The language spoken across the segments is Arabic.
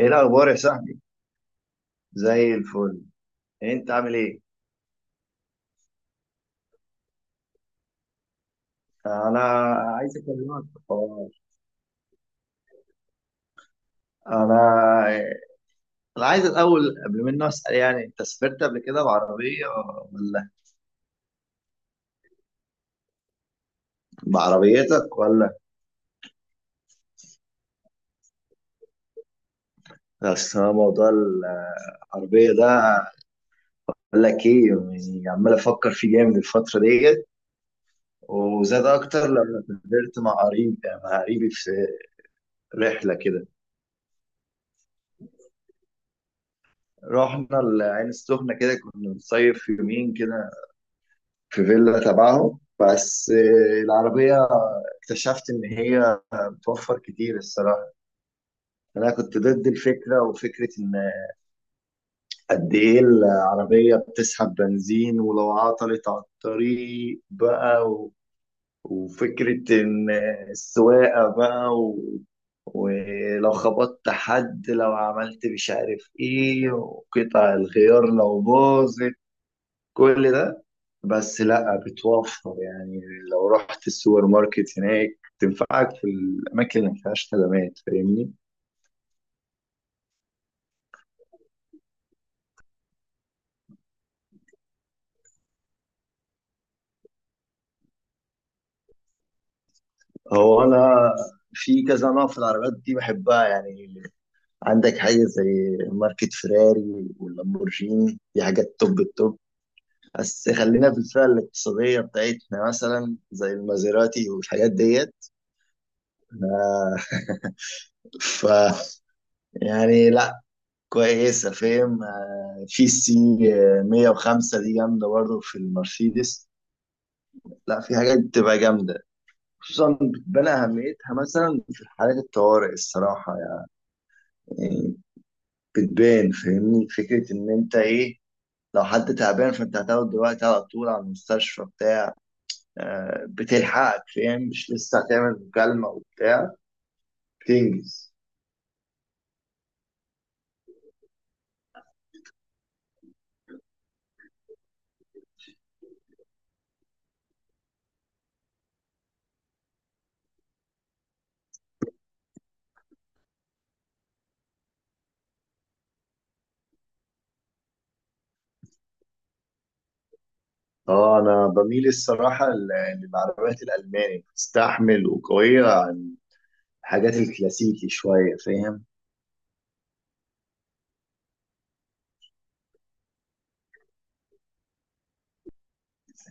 ايه الاخبار يا صاحبي. زي الفل. انت عامل ايه؟ انا عايز اكلمك في حوار. انا انا عايز الاول قبل ما اسال، يعني انت سافرت قبل كده بعربيه ولا بعربيتك ولا؟ اصل أنا موضوع العربيه ده، اقول لك ايه، يعني عمال افكر فيه جامد الفتره ديت، وزاد اكتر لما سافرت مع قريب، مع قريبي في رحله كده. رحنا العين السخنه كده، كنا بنصيف يومين كده في فيلا تبعهم. بس العربية اكتشفت إن هي بتوفر كتير الصراحة. أنا كنت ضد الفكرة، وفكرة إن قد إيه العربية بتسحب بنزين، ولو عطلت على الطريق بقى وفكرة إن السواقة بقى ولو خبطت حد، لو عملت مش عارف إيه، وقطع الغيار لو باظت، كل ده. بس لا، بتوفر يعني. لو رحت السوبر ماركت هناك تنفعك في الاماكن اللي ما فيهاش خدمات، فاهمني. هو انا في كذا نوع في العربيات دي بحبها يعني. عندك حاجه زي ماركه فيراري واللامبورجيني، دي حاجات توب التوب، بس خلينا في الفئه الاقتصاديه بتاعتنا مثلا زي المازيراتي والحاجات ديت. آه، ف يعني لا كويسة، فاهم؟ في سي 105 دي جامدة برضه في المرسيدس. لا، في حاجات بتبقى جامدة، خصوصا بتبان أهميتها مثلا في حالات الطوارئ الصراحة يعني. بتبان، فاهمني؟ فكرة إن أنت إيه، لو حد تعبان فأنت هتاخد دلوقتي على طول على المستشفى بتاع، بتلحقك، فاهم؟ مش لسه هتعمل مكالمة وبتاع، بتنجز. اه انا بميل الصراحه للعربيات الالماني، بتستحمل وقويه، حاجات الكلاسيكي شوية، فاهم؟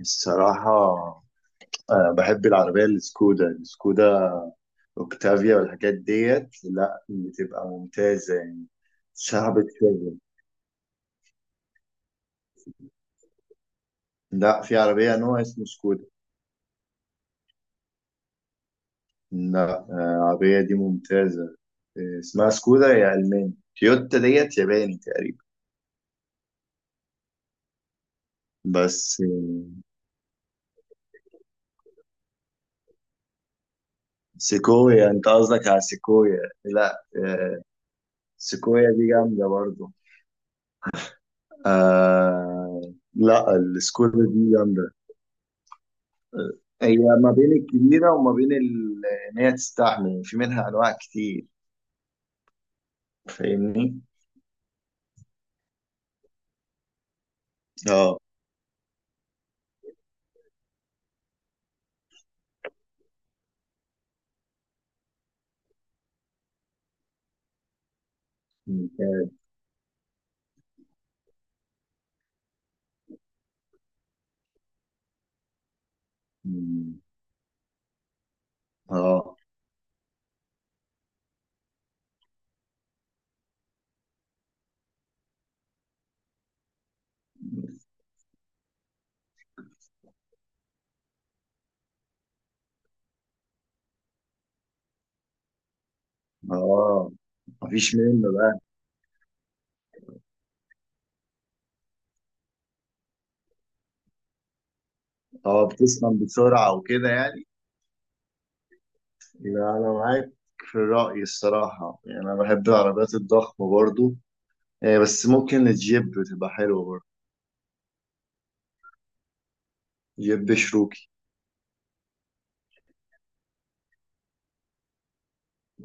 الصراحة بحب العربية السكودا اوكتافيا والحاجات ديت، لا بتبقى ممتازة يعني. صعبة شغل. لا، في عربية نوع اسمه سكودا. لا العربية دي ممتازة، اسمها سكودا، هي ألماني. تويوتا ديت ياباني تقريبا. بس سيكويا، انت قصدك على سيكويا؟ لا سيكويا دي جامدة برضو. آه لا، السكودا دي جامدة. هي ما بين الكبيرة وما بين إن هي تستحمل، في منها أنواع كتير، فاهمني؟ اه، ممتاز. مم. اه اه، مفيش منه بقى. اه، بتسخن بسرعة وكده يعني. لا، أنا معاك في الرأي الصراحة، يعني أنا بحب العربيات الضخمة برضو بس ممكن الجيب تبقى حلوة برضو، جيب شروكي،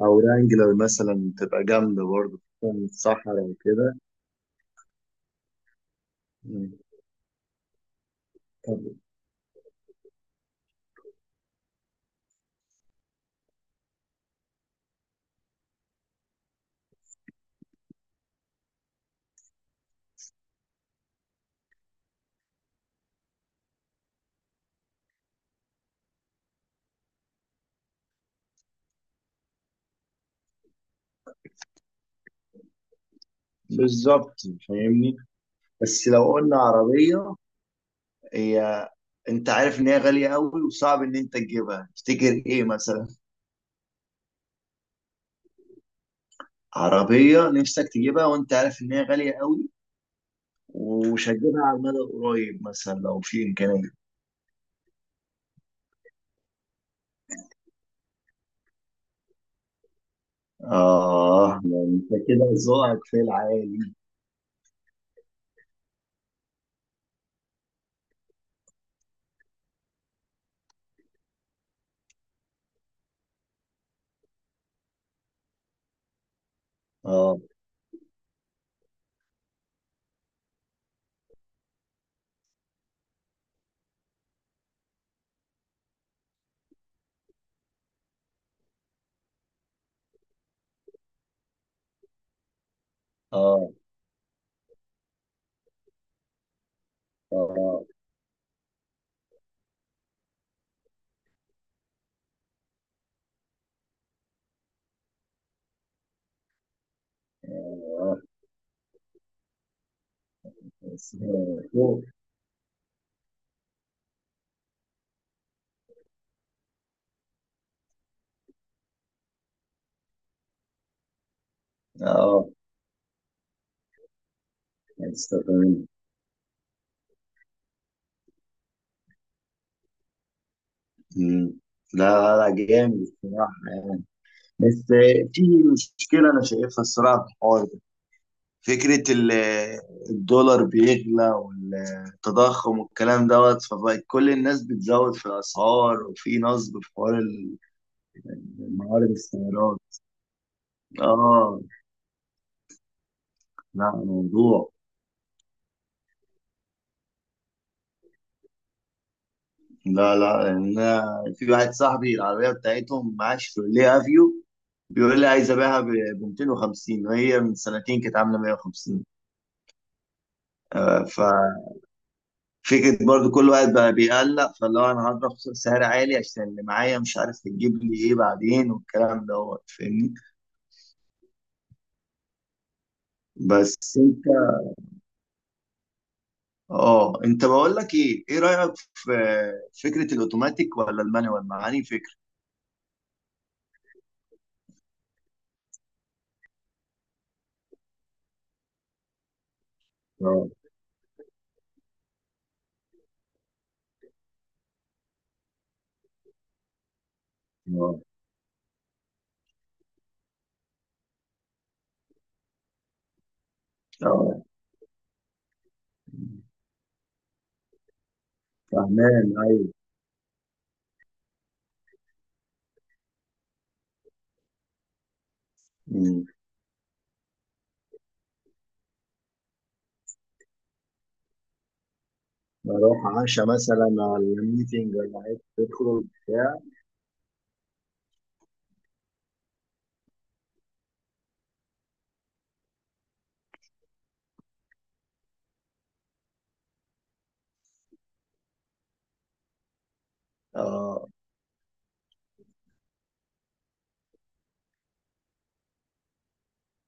أو رانجلر مثلا تبقى جامدة برضو خصوصاً في الصحراء وكده. مم. طب بالظبط، فاهمني. بس لو قلنا عربية، هي انت عارف ان هي غالية قوي وصعب ان انت تجيبها، تفتكر ايه مثلا؟ عربية نفسك تجيبها وانت عارف ان هي غالية قوي ومش هتجيبها على المدى القريب، مثلا لو في امكانية. اه، يعني انت كده ذوقك في العالي. اه اه اه اه. بس هي فوق. اه، هتستخدم. مم. لا لا، جامد الصراحة يعني. بس في مشكلة أنا شايفها الصراحة في الحوار، فكرة الدولار بيغلى والتضخم والكلام دوت، فبقت كل الناس بتزود في الأسعار، وفي نصب في حوار معارض السيارات. اه، لا موضوع. لا لا، يعني أنا في واحد صاحبي العربية بتاعتهم معاه شيفروليه افيو، بيقول لي عايز ابيعها ب 250، وهي من سنتين كانت عاملة 150. آه، ف فكرة برضو كل واحد بقى بيقلق، فاللي هو انا هضرب سعر عالي عشان اللي معايا، مش عارف تجيب لي ايه بعدين والكلام دوت، فاهمني. بس انت، اه انت، بقول لك ايه، ايه رأيك في فكرة الاوتوماتيك ولا المانيوال، معاني فكرة؟ اه اه اه، فهمان، ايوه. مم. بروح عشاء مثلا على ميتنج ولا حاجة تدخل بتاع. اه،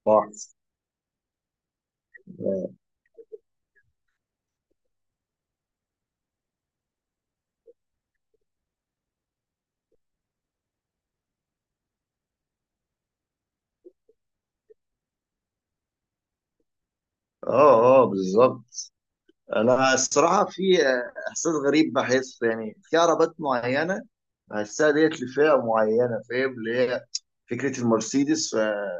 بحث. اه اه بالظبط. انا الصراحه في احساس غريب بحسه يعني، في عربات معينه بحسها ديت لفئه معينه، فاهم؟ اللي هي فكره المرسيدس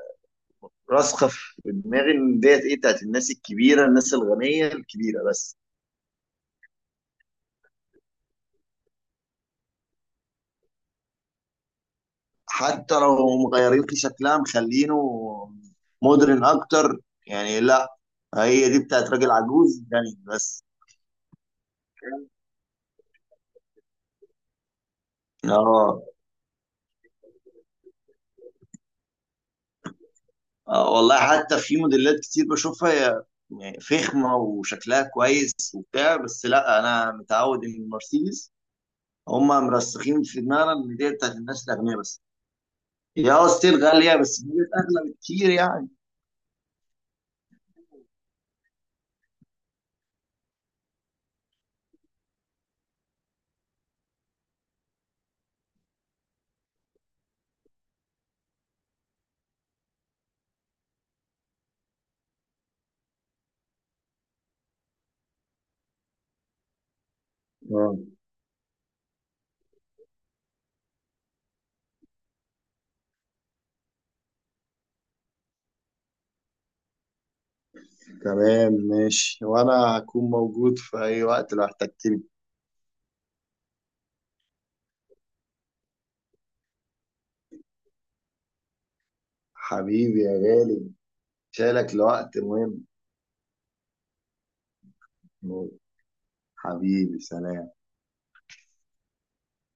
راسخه في دماغي ان ديت ايه، بتاعت الناس الكبيره، الناس الغنيه الكبيره بس. حتى لو مغيرين في شكلها، مخلينه مودرن اكتر، يعني لا، هي دي بتاعت راجل عجوز غني بس. اه، آه والله حتى في موديلات كتير بشوفها هي يعني فخمة وشكلها كويس وبتاع، بس لا أنا متعود إن المرسيدس هما مرسخين في دماغنا إن دي بتاعت الناس الأغنياء بس. هي اه ستيل غالية، بس دي أغلى بكتير يعني. اه تمام ماشي. وانا هكون موجود في اي وقت لو احتجتني. حبيبي يا غالي، شايلك لوقت مهم. حبيبي، سلام.